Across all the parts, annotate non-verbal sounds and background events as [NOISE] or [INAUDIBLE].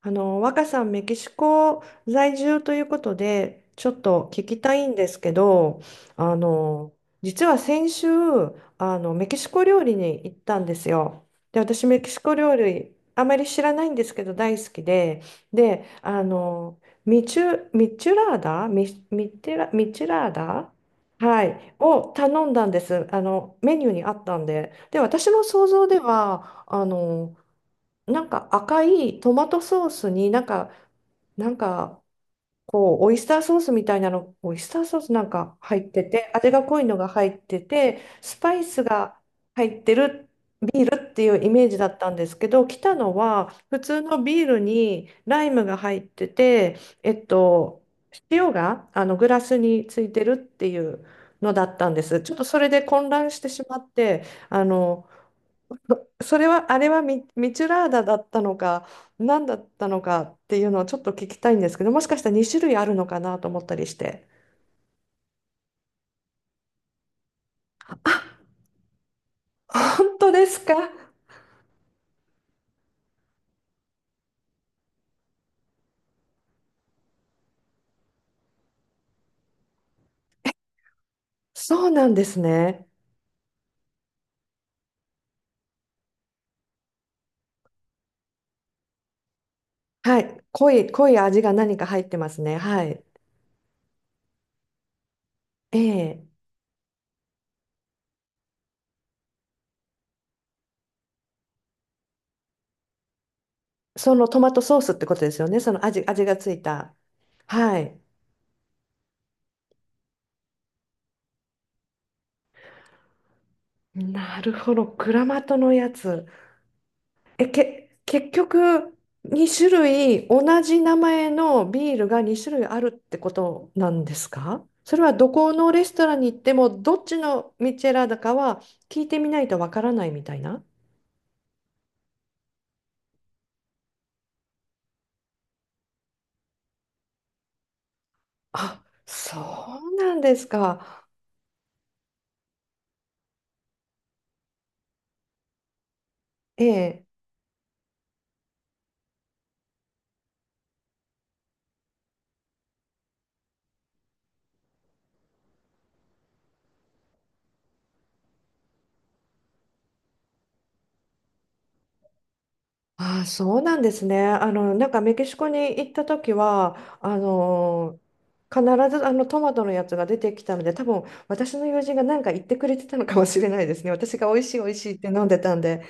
若さん、メキシコ在住ということで、ちょっと聞きたいんですけど、あの、実は先週、メキシコ料理に行ったんですよ。で、私、メキシコ料理、あまり知らないんですけど、大好きで、で、ミチュラーダ、はい、を頼んだんです。あの、メニューにあったんで。で、私の想像では、なんか赤いトマトソースになんか、なんかこうオイスターソースみたいなの、オイスターソースなんか入ってて、味が濃いのが入ってて、スパイスが入ってるビールっていうイメージだったんですけど、来たのは普通のビールにライムが入ってて、えっと、塩があのグラスについてるっていうのだったんです。ちょっとそれで混乱してしまって、あの、[LAUGHS] それは、ミチュラーダだったのか、何だったのかっていうのをちょっと聞きたいんですけど、もしかしたら2種類あるのかなと思ったりして。本当ですか？そうなんですね。はい。濃い味が何か入ってますね。はい。ええ。そのトマトソースってことですよね。味がついた。はい。なるほど。クラマトのやつ。結局、2種類、同じ名前のビールが2種類あるってことなんですか？それはどこのレストランに行っても、どっちのミチェラだかは聞いてみないとわからないみたいな。あ、そうなんですか。ええ。あ、そうなんですね。あの、なんかメキシコに行った時は、あの、必ずあのトマトのやつが出てきたので、多分私の友人が何か言ってくれてたのかもしれないですね。私が美味しい美味しいって飲んでたんで。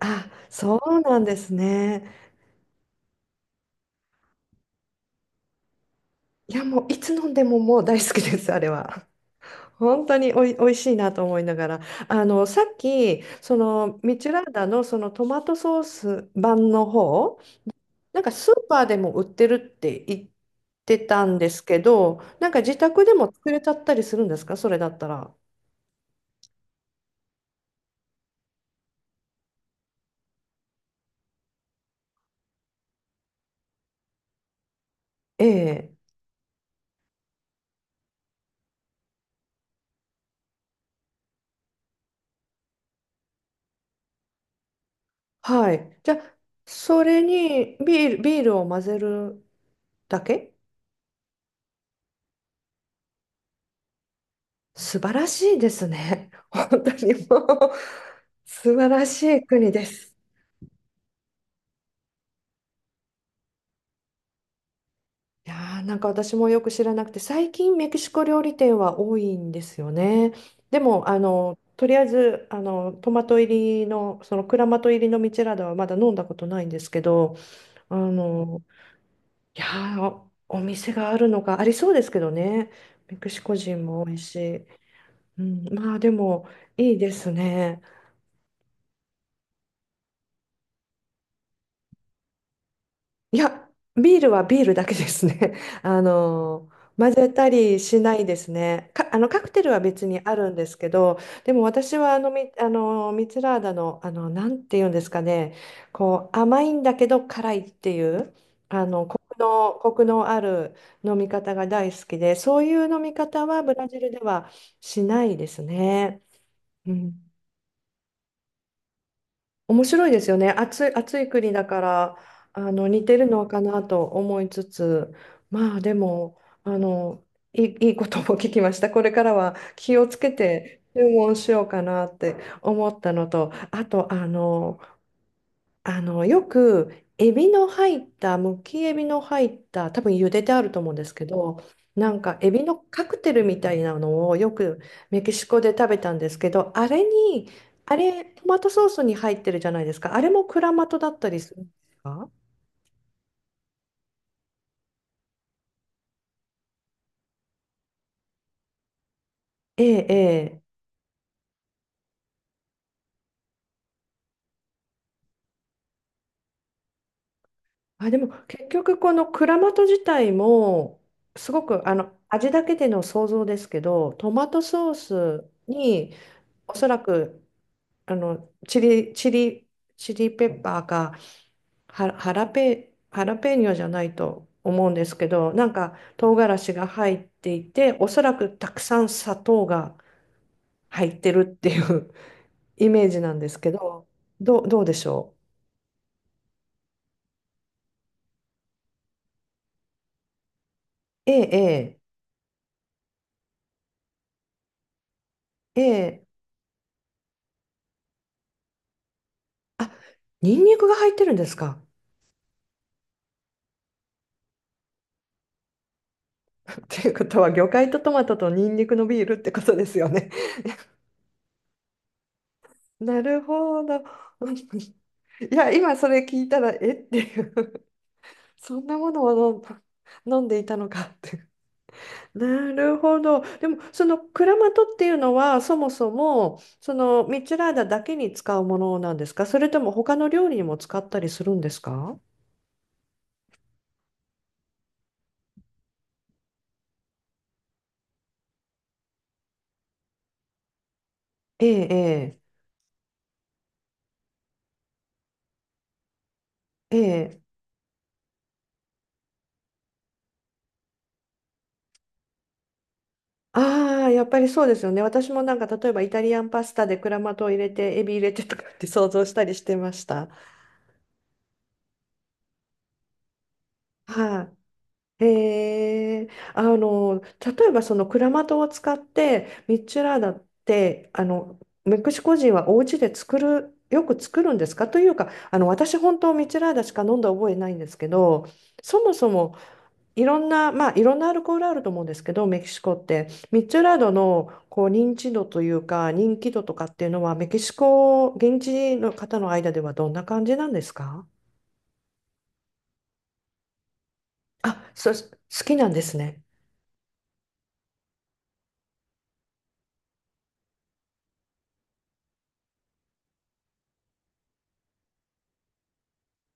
あ、そうなんですね。いや、もういつ飲んでももう大好きです、あれは。本当におい、おいしいなと思いながら。あの、さっき、その、ミチュラーダのそのトマトソース版の方、なんかスーパーでも売ってるって言ってたんですけど、なんか自宅でも作れちゃったりするんですか？それだったら。ええ。はい。じゃあ、それにビールを混ぜるだけ。素晴らしいですね。[LAUGHS] 本当にもう素晴らしい国です。いやーなんか私もよく知らなくて、最近メキシコ料理店は多いんですよね。でも、あの、とりあえず、あの、トマト入りの、そのクラマト入りのミチェラーダはまだ飲んだことないんですけど、あの、いやーお店があるのがありそうですけどね。メキシコ人も多いし。うん、まあでも、いいですね。いや、ビールはビールだけですね。[LAUGHS] あの、混ぜたりしないですね。か、あの、カクテルは別にあるんですけど、でも私はあの、ミツラーダの、あの、なんていうんですかね、こう、甘いんだけど辛いっていう、あの、コクのある飲み方が大好きで、そういう飲み方はブラジルではしないですね。うん。面白いですよね。暑い国だから、あの、似てるのかなと思いつつ、まあでも、あの、いいことも聞きました。これからは気をつけて注文しようかなって思ったのと、あと、あの、あの、よく、エビの入った、むきエビの入った、多分茹でてあると思うんですけど、なんか、エビのカクテルみたいなのをよくメキシコで食べたんですけど、あれに、あれ、トマトソースに入ってるじゃないですか。あれもクラマトだったりするんですか？ええ、ええ。あ、でも、結局、このクラマト自体も、すごく、あの、味だけでの想像ですけど、トマトソースに、おそらくあの、チリペッパーか、ハラペーニョじゃないと思うんですけど、なんか唐辛子が入っていて、おそらくたくさん砂糖が入ってるっていう [LAUGHS] イメージなんですけど、どうでしょう？ええ、ええ、ええ、あ、ニンニクが入ってるんですか？ [LAUGHS] っていうことは、魚介とトマトとニンニクのビールってことですよね。[LAUGHS] なるほど。[LAUGHS] いや、今それ聞いたら、えっていう、そんなものを飲んでいたのかって。[LAUGHS] なるほど。でも、そのクラマトっていうのは、そもそも、そのミッチェラーダだけに使うものなんですか？それとも他の料理にも使ったりするんですか？ええ、ええ、ええ。ああ、やっぱりそうですよね。私もなんか、例えばイタリアンパスタでクラマトを入れて、エビ入れてとかって想像したりしてました。はい、へえ、あの、例えばそのクラマトを使ってミッチュラーダって、あのメキシコ人はお家で作る、よく作るんですか？というか、あの私本当ミッチュラーダしか飲んだ覚えないんですけど、そもそもいろんな、まあいろんなアルコールあると思うんですけど、メキシコってミッチュラーダのこう認知度というか人気度とかっていうのは、メキシコ現地の方の間ではどんな感じなんですか？あ、そ、好きなんですね。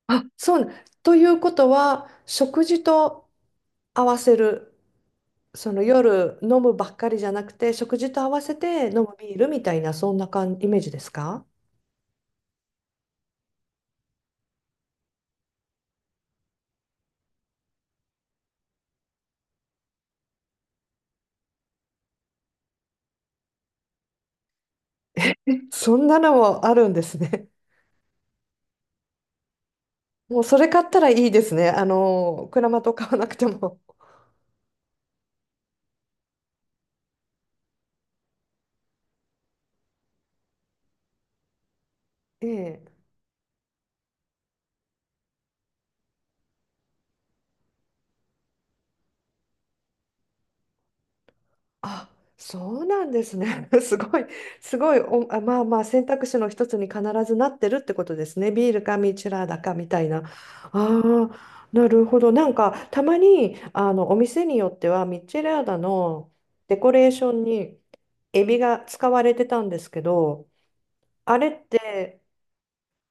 あ、そうな。ということは、食事と合わせる、その夜飲むばっかりじゃなくて、食事と合わせて飲むビールみたいな、そんな感イメージですか？そんなのもあるんですね。もうそれ買ったらいいですね。あの、クラマト買わなくても。ええ。あ、そうなんですね。[LAUGHS] すごい、すごいお、あ、まあまあ選択肢の一つに必ずなってるってことですね。ビールかミチラーダかみたいな。ああ、なるほど。なんかたまにあのお店によってはミチラーダのデコレーションにエビが使われてたんですけど、あれって、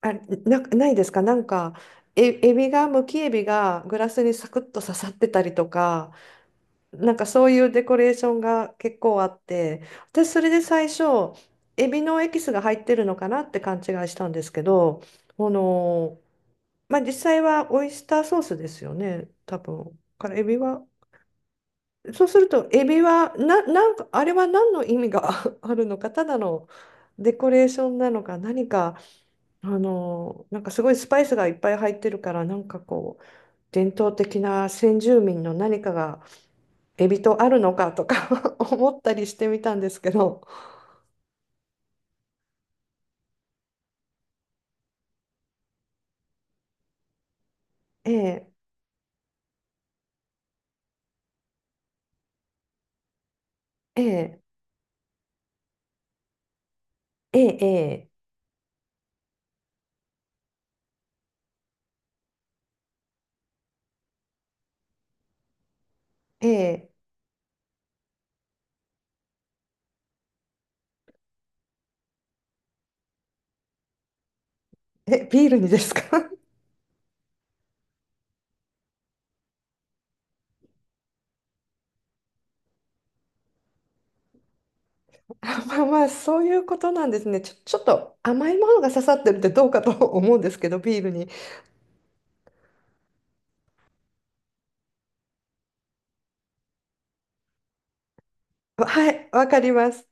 あ、ないですか？なんか、え、エビが、むきエビがグラスにサクッと刺さってたりとか。なんかそういうデコレーションが結構あって、私それで最初、エビのエキスが入ってるのかなって勘違いしたんですけど、この、まあ実際はオイスターソースですよね、多分。からエビは、そうするとエビは、あれは何の意味が [LAUGHS] あるのか、ただのデコレーションなのか、何か、あの、なんかすごいスパイスがいっぱい入ってるから、なんかこう、伝統的な先住民の何かが、エビとあるのかとか [LAUGHS] 思ったりしてみたんですけど、ええ、ええ、ええ、ええ、ええ、ビールにですか？ [LAUGHS] あまあまあ、そういうことなんですね。ちょっと甘いものが刺さってるってどうかと [LAUGHS] 思うんですけど、ビールに。はい、わかります。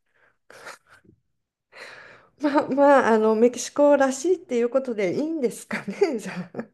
まあまあ、あの、メキシコらしいっていうことでいいんですかね、[LAUGHS] じゃあ。